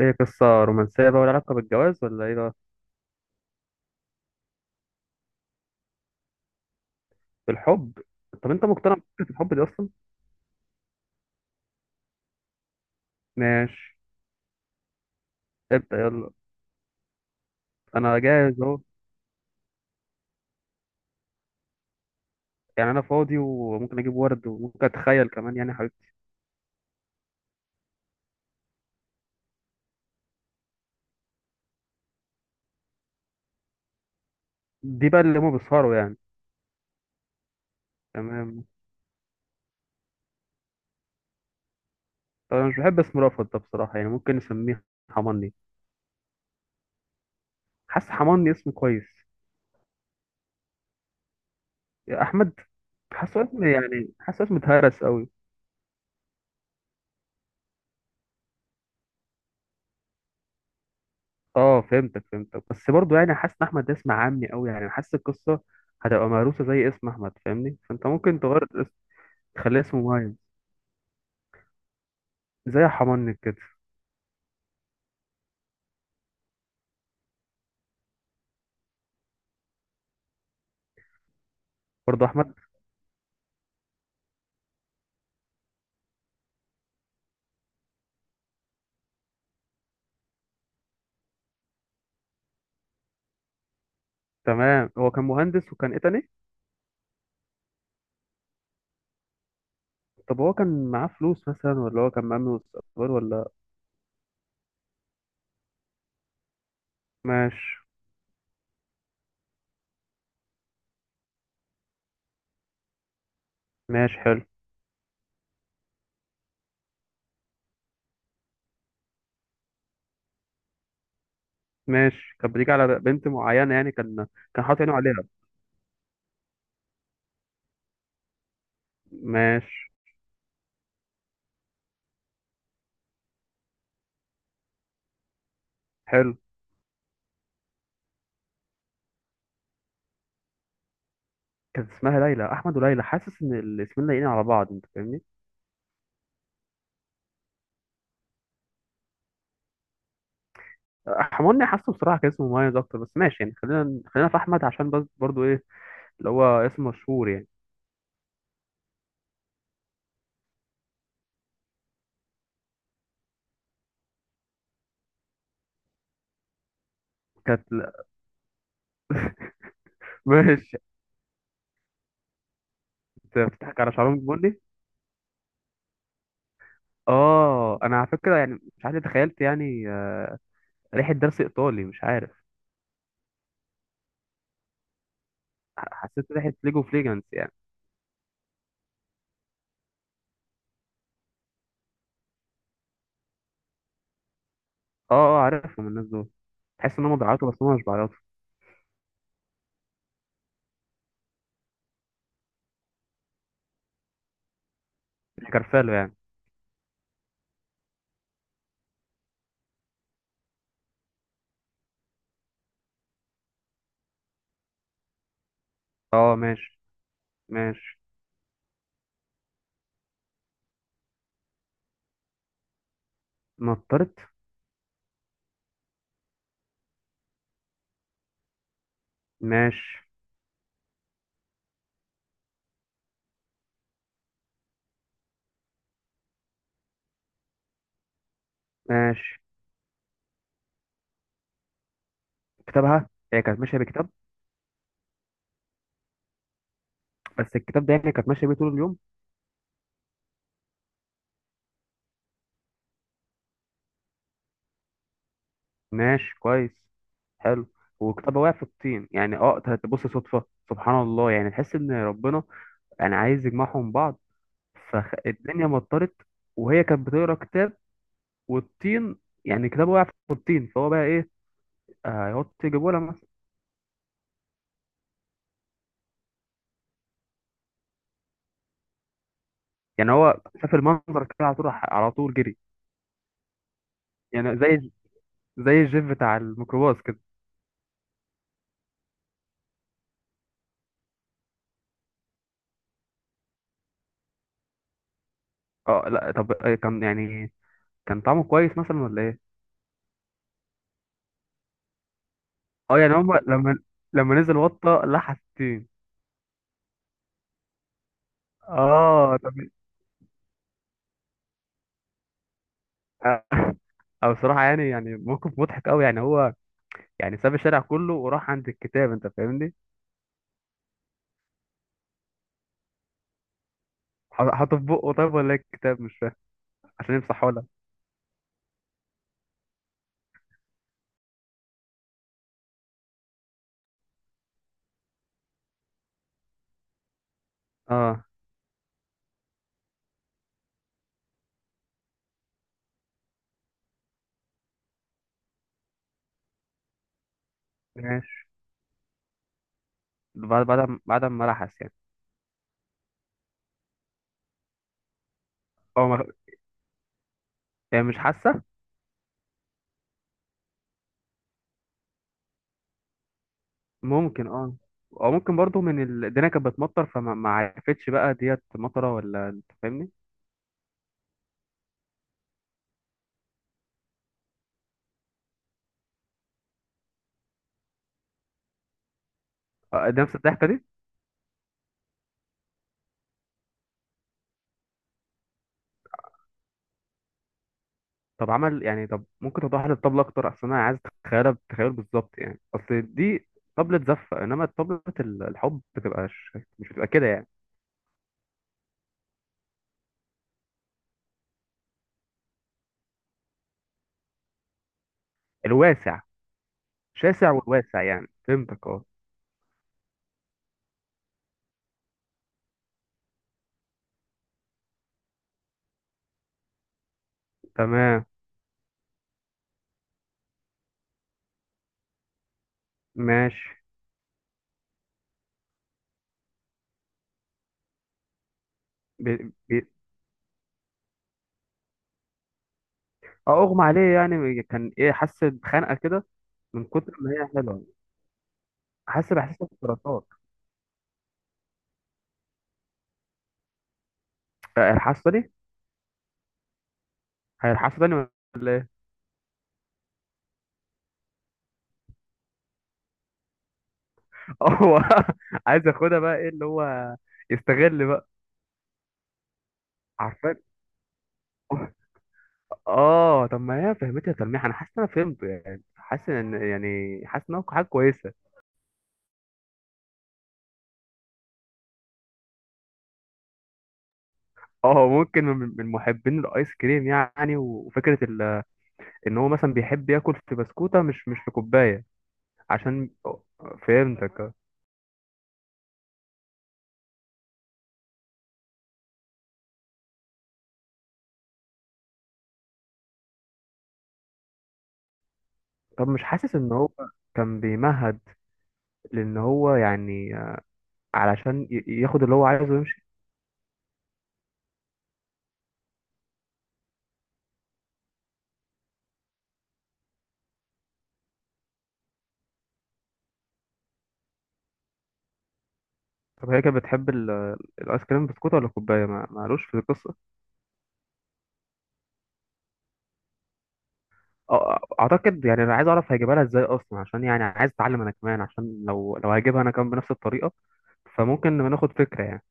ايه قصة رومانسية بقى، ولا علاقة بالجواز، ولا ايه بقى؟ بالحب. طب انت مقتنع بفكرة الحب دي اصلا؟ ماشي. ابدأ يلا. انا جاهز اهو. يعني انا فاضي وممكن اجيب ورد وممكن اتخيل كمان يعني حاجات. دي بقى اللي هما بيسهروا يعني. تمام. طب انا مش بحب اسم رأفت ده بصراحة، يعني ممكن نسميه حماني. حاسس حماني اسم كويس. يا احمد. حاسه اسم يعني حاسه اسم اتهرس قوي. اه فهمتك، بس برضه يعني حاسس ان احمد ده اسم عامي قوي، يعني حاسس القصة هتبقى مهروسة زي اسم احمد، فاهمني؟ فانت ممكن تغير. خليه اسمه مايلز. زي حمانك كده. برضه احمد. تمام، هو كان مهندس وكان ايه تاني؟ طب هو كان معاه فلوس مثلا، ولا هو كان مأمن مستقبل ولا؟ ماشي. ماشي حلو. ماشي، كان بيجي على بنت معينة يعني، كان كان حاطط عينه عليها. ماشي حلو. كانت اسمها ليلى، احمد وليلى، حاسس ان الاسمين لايقين على بعض، انت فاهمني؟ حماني، حاسه بصراحه كان اسمه مميز اكتر، بس ماشي يعني، خلينا في احمد عشان بس برضو ايه، اللي هو اسم مشهور يعني. كانت لا، ماشي. انت بتضحك على شعرهم بني؟ اه انا على فكره يعني مش عارف ليه تخيلت يعني ريحه درس ايطالي، مش عارف. حسيت ريحه ليجو فليجانس يعني. اه عارفهم الناس دول. تحس ان هم بيعيطوا بس هم مش بيعيطوا. مش كرفالو يعني. اه ماشي. ماشي. نطرت. ماشي. ماشي. كتابها، هي كانت ماشيه بكتاب؟ بس الكتاب ده يعني كانت ماشيه بيه طول اليوم؟ ماشي كويس. حلو. وكتابها وقع في الطين يعني، اه تبص صدفه. سبحان الله، يعني تحس ان ربنا يعني عايز يجمعهم بعض. فالدنيا مطرت وهي كانت بتقرا كتاب، والطين، يعني كتابه وقع في الطين، فهو بقى ايه، يقعد يجيبه لها مثلا؟ يعني هو شاف المنظر كده، على طول راح على طول جري. يعني زي زي الجيف بتاع الميكروباص كده. اه لا طب، كان يعني كان طعمه كويس مثلا ولا ايه؟ اه يعني هم لما، لما نزل وطة لحس الطين. اه طب. آه، او بصراحة يعني، يعني موقف مضحك قوي، يعني هو يعني ساب الشارع كله وراح عند الكتاب، انت فاهمني؟ حاطه في بقه طيب، ولا إيه الكتاب، مش فاهم؟ عشان يمسحه لها؟ اه ماشي. بعد ما لحس يعني؟ اه ما- هي مش حاسه. ممكن اه، او ممكن برضو من ال... الدنيا كانت بتمطر، فما ما عرفتش بقى ديت مطره ولا، انت فاهمني؟ اه ده نفس الضحكه دي. طب عمل يعني، طب ممكن توضح لي الطبله اكتر، اصل انا عايز اتخيلها، بتخيل بالظبط يعني، اصل دي طبله زفه، انما طبله الحب بتبقى مش بتبقى كده يعني؟ الواسع. شاسع والواسع يعني، فهمتك اه. تمام. ماشي. بي... بي... اه اغمى عليه يعني، كان ايه، حس بخنقه كده. من كتر ما هي حلوه. حس باحساس السرطان. هيلحسوا تاني. هيلحسوا تاني ولا ايه؟ هو عايز ياخدها بقى، ايه اللي هو يستغل بقى؟ عارفين. اه طب ما هي فهمتها تلميح، انا حاسس ان انا فهمته يعني، حاسس ان يعني حاسس ان هو حاجه كويسه. اه ممكن من محبين الايس كريم يعني، وفكره ان هو مثلا بيحب ياكل في بسكوته، مش في كوبايه عشان. فهمتك اه. طب مش حاسس ان هو كان بيمهد، لان هو يعني علشان ياخد اللي هو عايزه ويمشي؟ طب هي كانت بتحب الايس كريم بسكوت ولا كوبايه، ما معلوش في القصه؟ أه، اعتقد يعني انا عايز اعرف هيجيبها لها ازاي اصلا، عشان يعني عايز اتعلم انا كمان، عشان لو لو هجيبها انا كمان بنفس الطريقه، فممكن ناخد فكره يعني.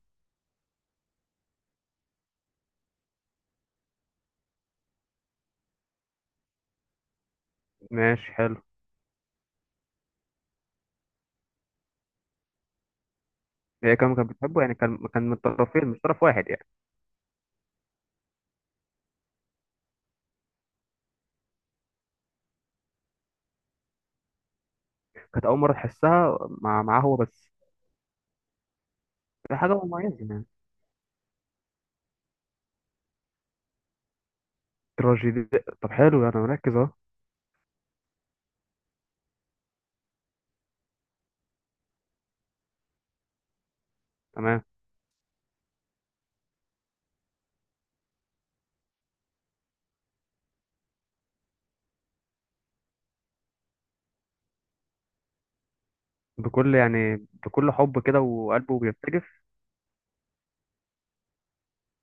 ماشي حلو. هي كمان كانت بتحبه يعني، كان كان من طرفين مش طرف واحد يعني. كانت اول مره تحسها مع معاه هو بس. دي حاجه مميزه يعني. تراجيدي. طب حلو يعني، مركز اهو. تمام. بكل يعني بكل حب كده، وقلبه بيرتجف.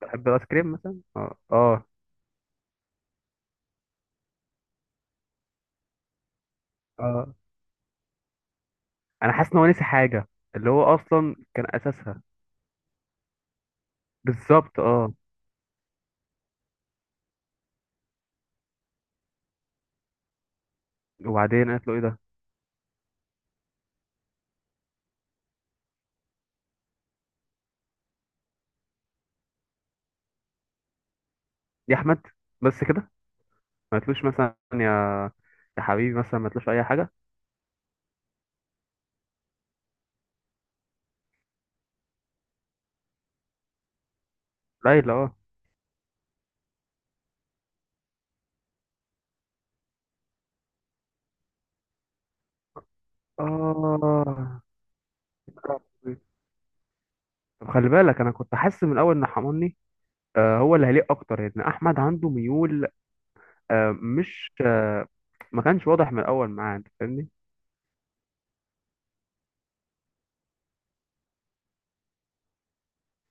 بحب الايس كريم مثلا، اه اه. اه انا حاسس ان هو نسي حاجه، اللي هو اصلا كان اساسها. بالظبط اه. وبعدين قالت له ايه ده؟ يا احمد، بس كده؟ ما قالتلوش مثلا يا، يا حبيبي مثلا، ما قالتلوش اي حاجه؟ ليلى اه. اه طب، خلي بالك انا كنت حاسس من الاول ان حماني، آه هو اللي هيليق اكتر، ان احمد عنده ميول، آه مش آه، ما كانش واضح من الاول معاه، انت فاهمني؟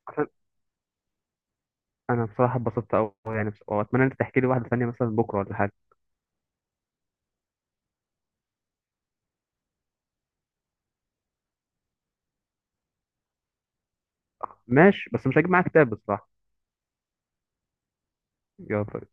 عشان انا بصراحه اتبسطت قوي يعني، واتمنى انت تحكي لي واحده ثانيه مثلا بكره ولا حاجه. ماشي، بس مش هجيب معاك كتاب بصراحه. يلا.